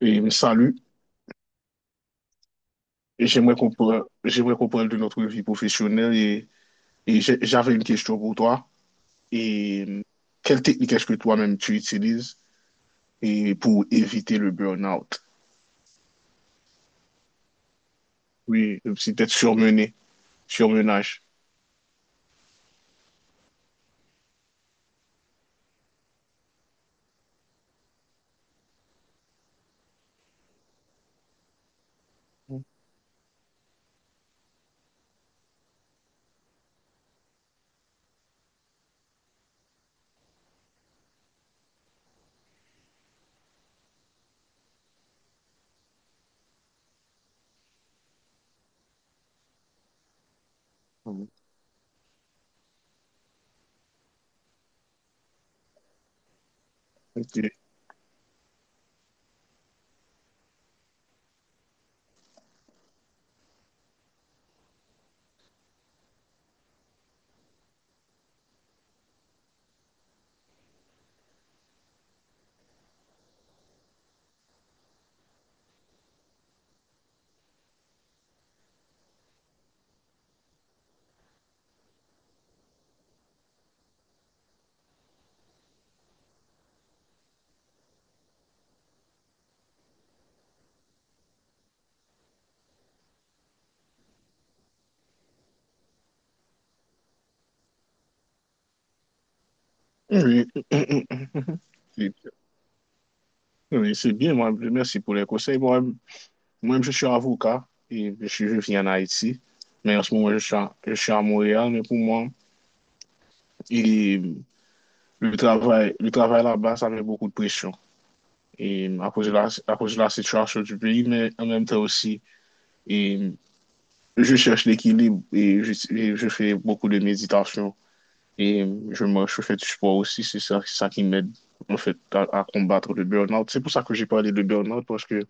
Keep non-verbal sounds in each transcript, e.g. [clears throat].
Et me salue. Et j'aimerais qu'on parle de notre vie professionnelle. J'avais une question pour toi. Et euh, Quelle technique est-ce que toi-même tu utilises pour éviter le burn-out? Oui, c'est peut surmené, surmenage. Mhm. Ok. Oui, C'est- oui, c'est bien, moi, merci pour les conseils. Moi même je suis avocat et je vis en Haïti, mais en ce moment, je suis à Montréal. Mais pour moi, le travail là-bas, ça met beaucoup de pression. Et à cause de la situation du pays, mais en même temps aussi, et je cherche l'équilibre et et je fais beaucoup de méditation. Et je marche, je fais du sport aussi. C'est ça qui m'aide, en fait, à combattre le burn-out. C'est pour ça que j'ai parlé de burn-out, parce que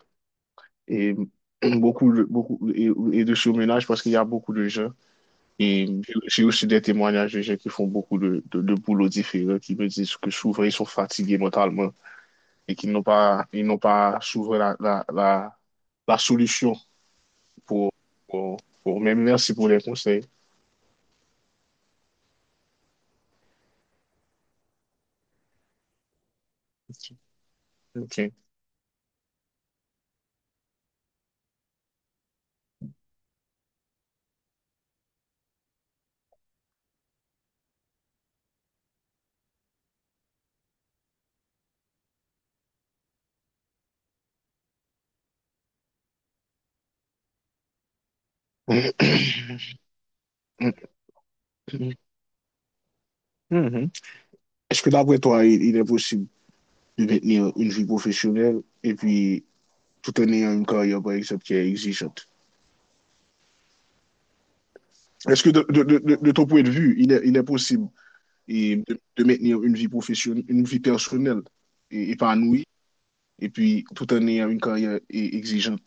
et, [clears throat] beaucoup et de surménage, parce qu'il y a beaucoup de gens. Et j'ai aussi des témoignages de gens qui font beaucoup de boulot différents, qui me disent que souvent, ils sont fatigués mentalement et qu'ils n'ont pas, ils n'ont pas trouvé la solution pour, pour, Mais merci pour les conseils. OK. Mhm. Est-ce que d'après toi, il est possible de maintenir une vie professionnelle et puis tout en ayant une carrière, par exemple, qui est exigeante? Est-ce que de ton point de vue, il est possible de maintenir une vie professionnelle, une vie personnelle et épanouie et puis tout en ayant une carrière exigeante?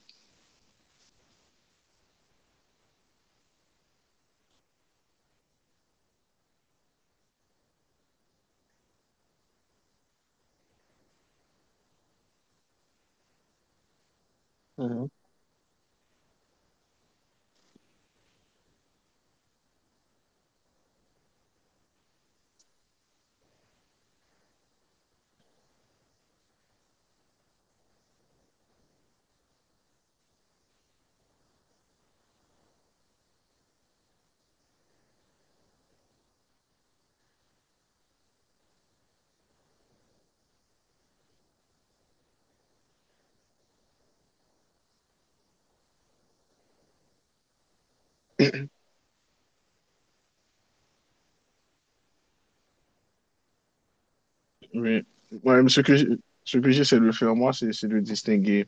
Oui. Ouais, mais ce que j'essaie de faire, moi, c'est de distinguer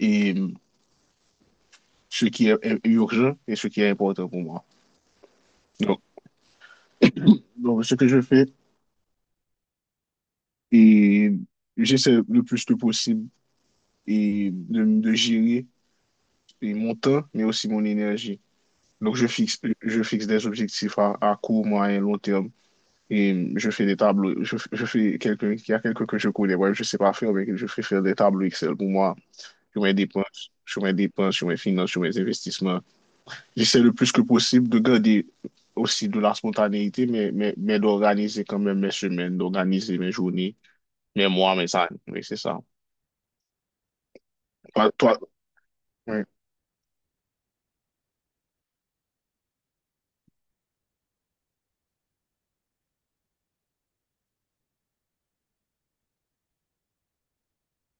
et, hum, ce qui est urgent et ce qui est important pour moi. Donc, donc, ce que je fais, et j'essaie le plus que possible de gérer mon temps, mais aussi mon énergie. Donc, je fixe des objectifs à court, moyen, long terme. Et je fais des tableaux. Je fais quelqu'un, il y a quelqu'un que je connais, ouais, je sais pas faire, mais je fais faire des tableaux Excel pour moi, sur mes dépenses, sur mes finances, sur mes investissements. J'essaie le plus que possible de garder aussi de la spontanéité, mais d'organiser quand même mes semaines, d'organiser mes journées, mes mois, mes années. Oui, c'est ça. Toi, toi- ouais.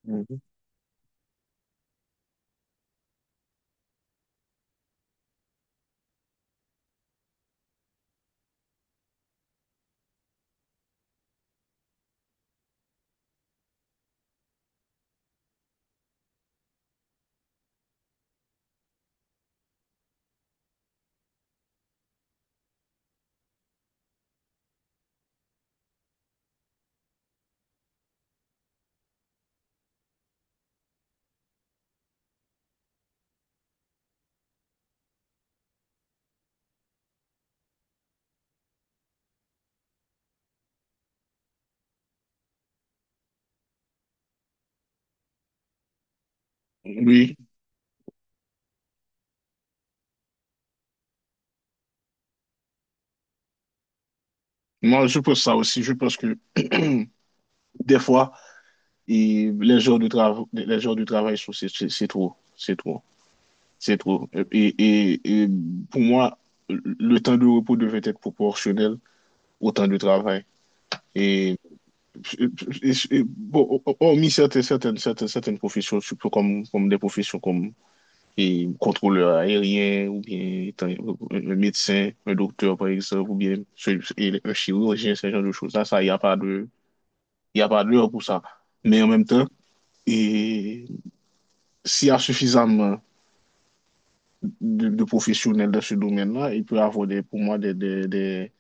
Mhm. Oui, moi, je pense ça aussi. Je pense que [clears throat] des fois, les jours de travail, les jours du travail, sont- c'est c'est trop. C'est trop. C'est trop. Et pour moi, le temps de repos devait être proportionnel au temps de travail. Bon, hormis certaines professions, surtout comme des professions comme contrôleur aérien, ou bien étant- un médecin, un docteur, par exemple, ou bien un chirurgien, ce genre de choses-là, il n'y a pas de, il y a pas d'heure pour ça. Mais en même temps, et s'il y a suffisamment de professionnels dans ce domaine-là, il peut y avoir des, pour moi des, des, des,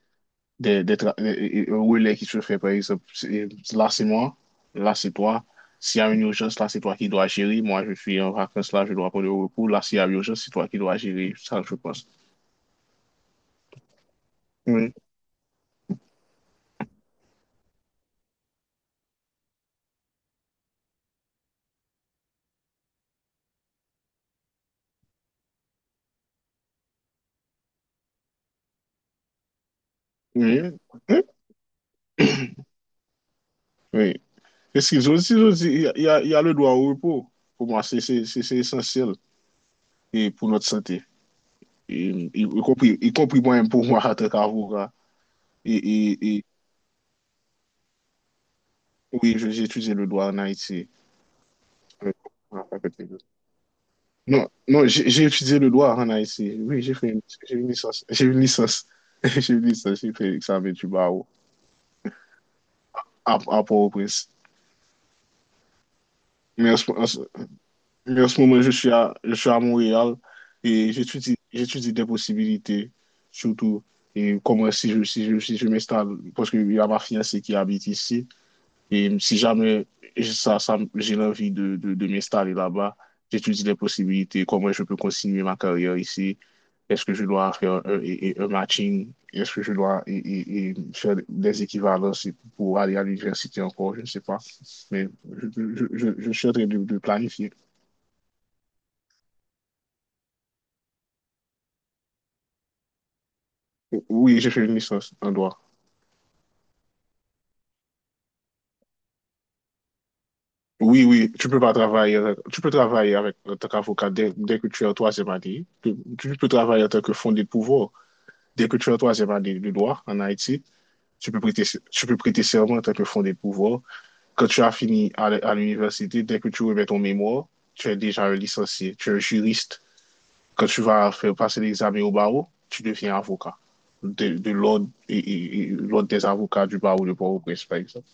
des, des tra- des- des relais qui se fait, par exemple, là c'est moi, là c'est toi. S'il y a une urgence, là c'est toi qui dois gérer. Moi, je suis en vacances, là je dois prendre le repos. Là, s'il y a une urgence, c'est toi qui dois gérer. Ça, je pense. Oui, oui, oui. oui. Parce qu'ils ont aussi, il y a, il y a le droit au repos. Pour moi, c'est essentiel pour notre santé. Et, y compris moi-même pour moi, en tant qu'avocat. Et, et oui, j'ai utilisé le droit en Haïti. Oui. Non, non, j'ai étudié le droit en Haïti. Oui, j'ai une licence. J'ai une licence. [laughs] J'ai une licence, j'ai fait l'examen du barreau à Port-au-Prince. Mais en ce, en ce- mais en ce moment, je suis à Montréal et j'étudie des possibilités, surtout comment si je m'installe, parce qu'il y a ma fiancée qui habite ici. Et si jamais j'ai l'envie de m'installer là-bas, j'étudie les possibilités, comment je peux continuer ma carrière ici. Est-ce que je dois faire un, et un matching? Est-ce que je dois faire des équivalences pour aller à l'université encore? Je ne sais pas. Mais je, je suis en train de planifier. Oui, j'ai fait une licence en droit. Oui, tu peux pas travailler, tu peux travailler avec, en tant qu'avocat dès que tu es en troisième année. Tu peux travailler en tant que fondé de pouvoir. Dès que tu es en troisième année de droit en Haïti, tu peux prêter, tu peux prêter serment en tant que fondé de pouvoir. Quand tu as fini à l'université, dès que tu remets ton mémoire, tu es déjà un licencié, tu es un juriste. Quand tu vas faire passer l'examen au barreau, tu deviens avocat de l'ordre et l'ordre des avocats du barreau de Port-au-Prince, par exemple.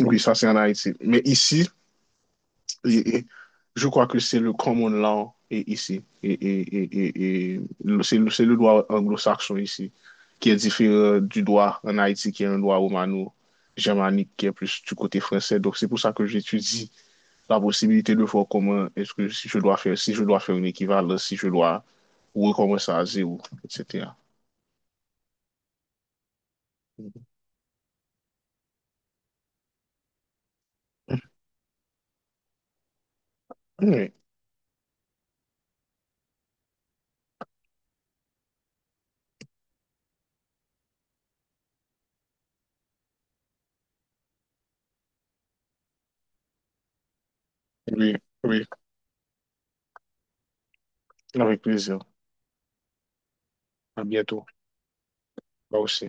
Oui, ça c'est en Haïti. Mais ici, et- et je crois que c'est le common law ici. C'est c'est le droit anglo-saxon ici qui est différent du droit en Haïti qui est un droit romano-germanique qui est plus du côté français. Donc c'est pour ça que j'étudie la possibilité de voir comment est-ce que si je dois faire une équivalence, si je dois recommencer à zéro, etc. Oui, oui, oui, avec plaisir. À bientôt. Moi aussi.